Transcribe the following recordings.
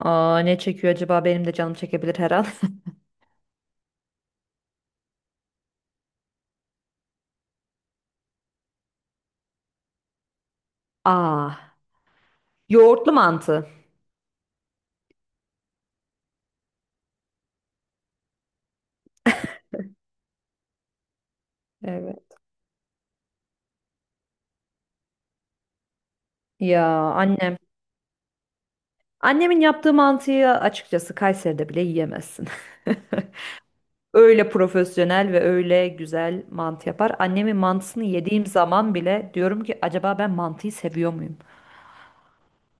Aa, ne çekiyor acaba? Benim de canım çekebilir her an. Aa, yoğurtlu mantı. Evet. Ya annem. Annemin yaptığı mantıyı açıkçası Kayseri'de bile yiyemezsin. Öyle profesyonel ve öyle güzel mantı yapar. Annemin mantısını yediğim zaman bile diyorum ki acaba ben mantıyı seviyor muyum?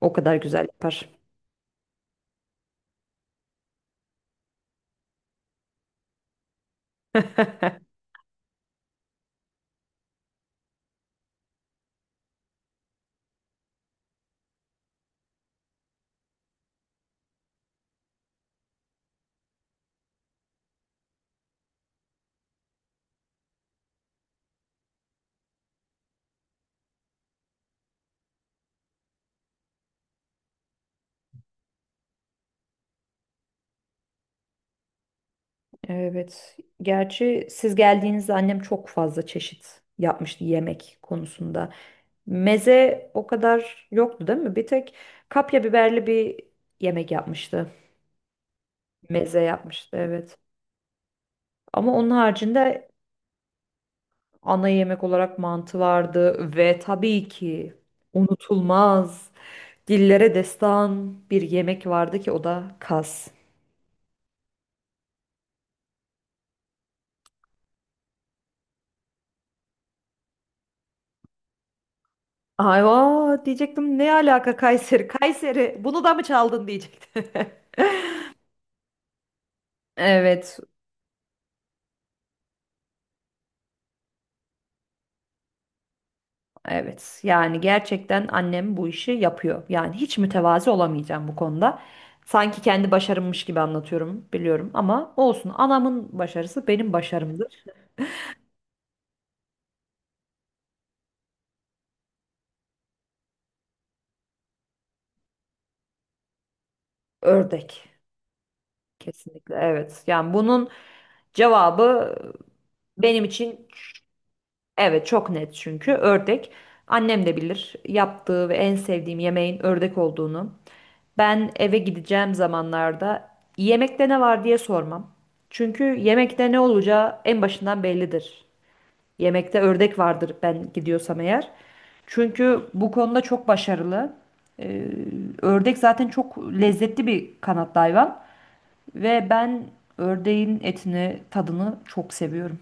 O kadar güzel yapar. Evet. Gerçi siz geldiğinizde annem çok fazla çeşit yapmıştı yemek konusunda. Meze o kadar yoktu değil mi? Bir tek kapya biberli bir yemek yapmıştı. Meze yapmıştı evet. Ama onun haricinde ana yemek olarak mantı vardı ve tabii ki unutulmaz dillere destan bir yemek vardı ki o da kas. Ay vaa diyecektim, ne alaka Kayseri? Kayseri bunu da mı çaldın diyecektim. Evet. Evet, yani gerçekten annem bu işi yapıyor. Yani hiç mütevazi olamayacağım bu konuda. Sanki kendi başarımmış gibi anlatıyorum, biliyorum ama olsun. Anamın başarısı benim başarımdır. Ördek. Kesinlikle evet. Yani bunun cevabı benim için evet çok net, çünkü ördek. Annem de bilir yaptığı ve en sevdiğim yemeğin ördek olduğunu. Ben eve gideceğim zamanlarda yemekte ne var diye sormam. Çünkü yemekte ne olacağı en başından bellidir. Yemekte ördek vardır ben gidiyorsam eğer. Çünkü bu konuda çok başarılı. Ee, Ördek zaten çok lezzetli bir kanatlı hayvan ve ben ördeğin etini, tadını çok seviyorum.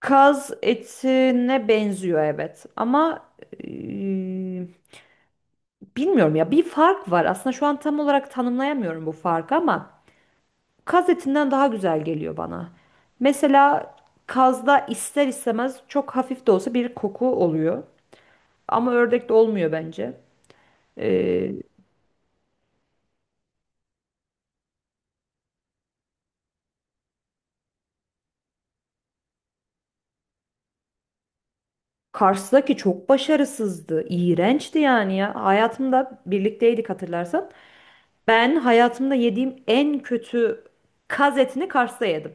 Kaz etine benziyor evet, ama eee, bilmiyorum ya, bir fark var. Aslında şu an tam olarak tanımlayamıyorum bu farkı, ama kaz etinden daha güzel geliyor bana. Mesela kazda ister istemez çok hafif de olsa bir koku oluyor ama ördekte olmuyor bence. Eee Kars'taki çok başarısızdı, iğrençti yani ya. Hayatımda birlikteydik hatırlarsan. Ben hayatımda yediğim en kötü kaz etini Kars'ta yedim.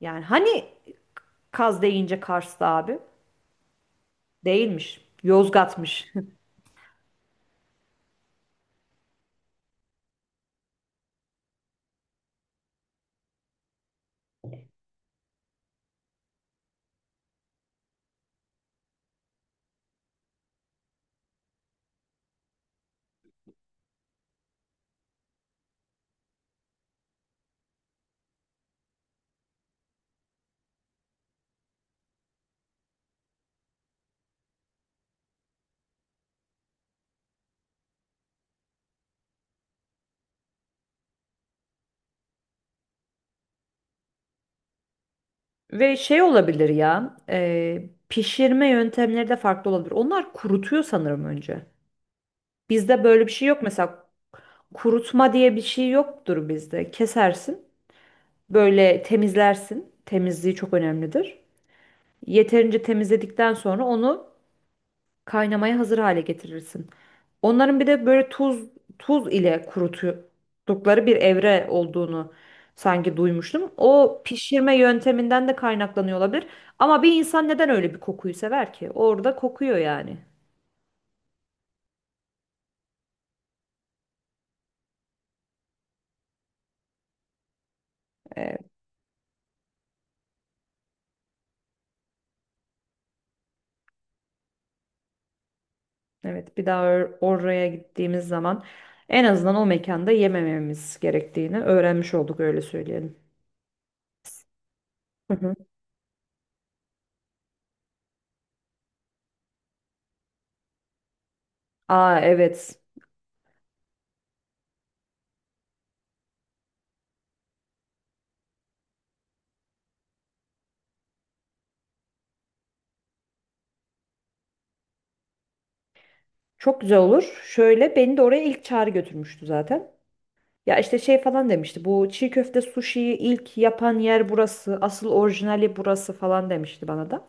Yani hani Kaz deyince Kars'ta abi? Değilmiş. Yozgat'mış. Ve şey olabilir ya, pişirme yöntemleri de farklı olabilir. Onlar kurutuyor sanırım önce. Bizde böyle bir şey yok. Mesela kurutma diye bir şey yoktur bizde. Kesersin, böyle temizlersin. Temizliği çok önemlidir. Yeterince temizledikten sonra onu kaynamaya hazır hale getirirsin. Onların bir de böyle tuz ile kuruttukları bir evre olduğunu sanki duymuştum. O pişirme yönteminden de kaynaklanıyor olabilir. Ama bir insan neden öyle bir kokuyu sever ki? Orada kokuyor yani. Ee, evet, bir daha oraya gittiğimiz zaman en azından o mekanda yemememiz gerektiğini öğrenmiş olduk, öyle söyleyelim. Hı hı. Aa evet. Çok güzel olur. Şöyle beni de oraya ilk çağrı götürmüştü zaten. Ya işte şey falan demişti. Bu çiğ köfte suşiyi ilk yapan yer burası. Asıl orijinali burası falan demişti bana da.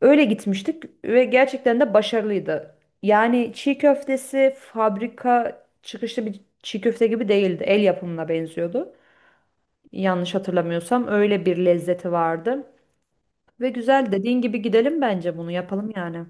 Öyle gitmiştik ve gerçekten de başarılıydı. Yani çiğ köftesi fabrika çıkışlı bir çiğ köfte gibi değildi. El yapımına benziyordu. Yanlış hatırlamıyorsam öyle bir lezzeti vardı. Ve güzel, dediğin gibi gidelim, bence bunu yapalım yani.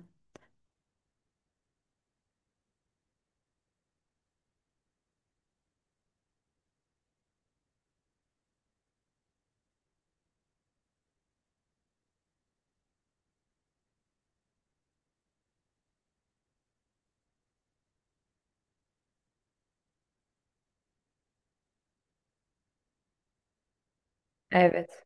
Evet.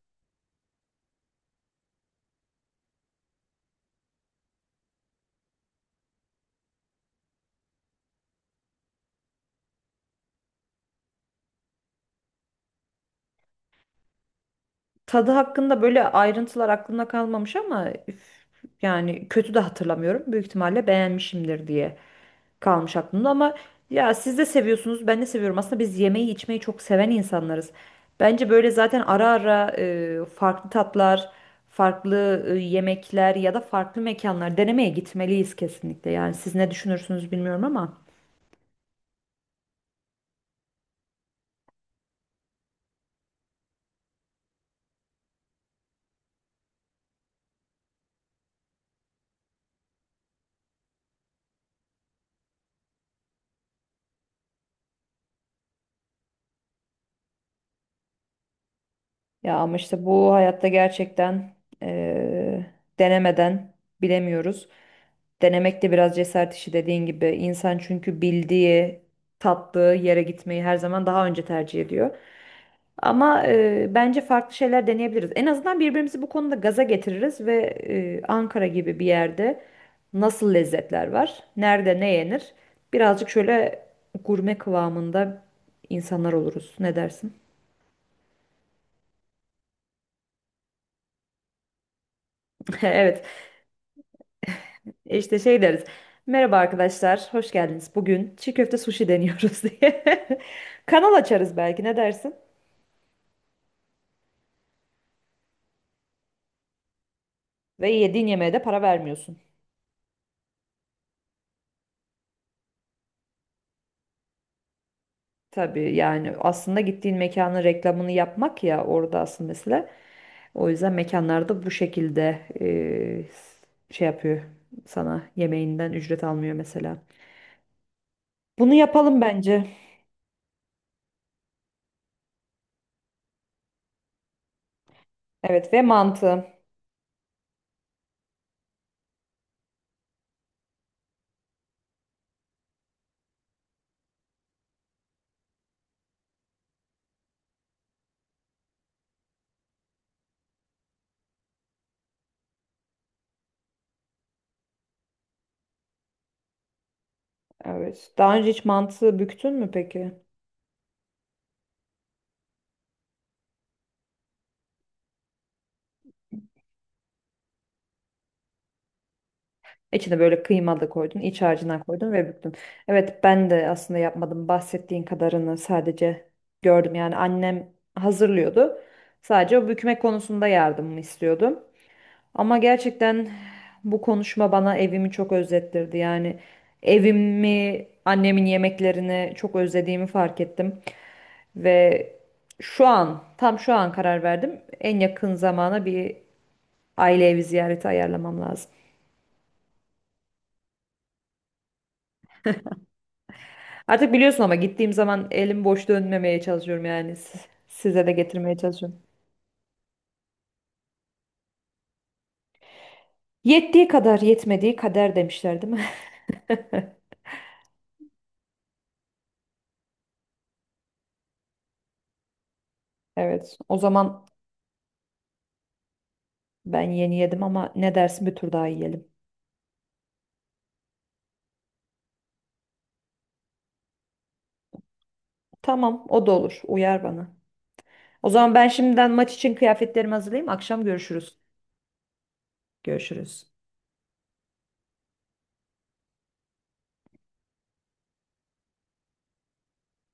Tadı hakkında böyle ayrıntılar aklımda kalmamış ama üf, yani kötü de hatırlamıyorum. Büyük ihtimalle beğenmişimdir diye kalmış aklımda, ama ya siz de seviyorsunuz, ben de seviyorum. Aslında biz yemeği içmeyi çok seven insanlarız. Bence böyle zaten ara ara farklı tatlar, farklı yemekler ya da farklı mekanlar denemeye gitmeliyiz kesinlikle. Yani siz ne düşünürsünüz bilmiyorum ama. Ya ama işte bu hayatta gerçekten eee, denemeden bilemiyoruz. Denemek de biraz cesaret işi, dediğin gibi. İnsan çünkü bildiği, tattığı yere gitmeyi her zaman daha önce tercih ediyor. Ama bence farklı şeyler deneyebiliriz. En azından birbirimizi bu konuda gaza getiririz ve Ankara gibi bir yerde nasıl lezzetler var, nerede ne yenir, birazcık şöyle gurme kıvamında insanlar oluruz. Ne dersin? Evet. İşte şey deriz. Merhaba arkadaşlar, hoş geldiniz. Bugün çiğ köfte sushi deniyoruz diye. Kanal açarız belki, ne dersin? Ve yediğin yemeğe de para vermiyorsun. Tabii yani aslında gittiğin mekanın reklamını yapmak ya, orada asıl mesele. O yüzden mekanlarda bu şekilde şey yapıyor, sana yemeğinden ücret almıyor mesela. Bunu yapalım bence. Evet ve mantı. Evet. Daha önce hiç mantı büktün mü peki? İçine böyle kıyma da koydun, iç harcından koydun ve büktün. Evet, ben de aslında yapmadım. Bahsettiğin kadarını sadece gördüm. Yani annem hazırlıyordu. Sadece o bükme konusunda yardımımı istiyordu. Ama gerçekten bu konuşma bana evimi çok özlettirdi. Yani evimi, annemin yemeklerini çok özlediğimi fark ettim. Ve şu an, tam şu an karar verdim. En yakın zamana bir aile evi ziyareti ayarlamam lazım. Artık biliyorsun, ama gittiğim zaman elim boş dönmemeye çalışıyorum yani. Siz- size de getirmeye çalışıyorum. Yettiği kadar yetmediği kader demişler, değil mi? Evet. O zaman ben yeni yedim ama ne dersin, bir tur daha yiyelim. Tamam, o da olur. Uyar bana. O zaman ben şimdiden maç için kıyafetlerimi hazırlayayım. Akşam görüşürüz. Görüşürüz.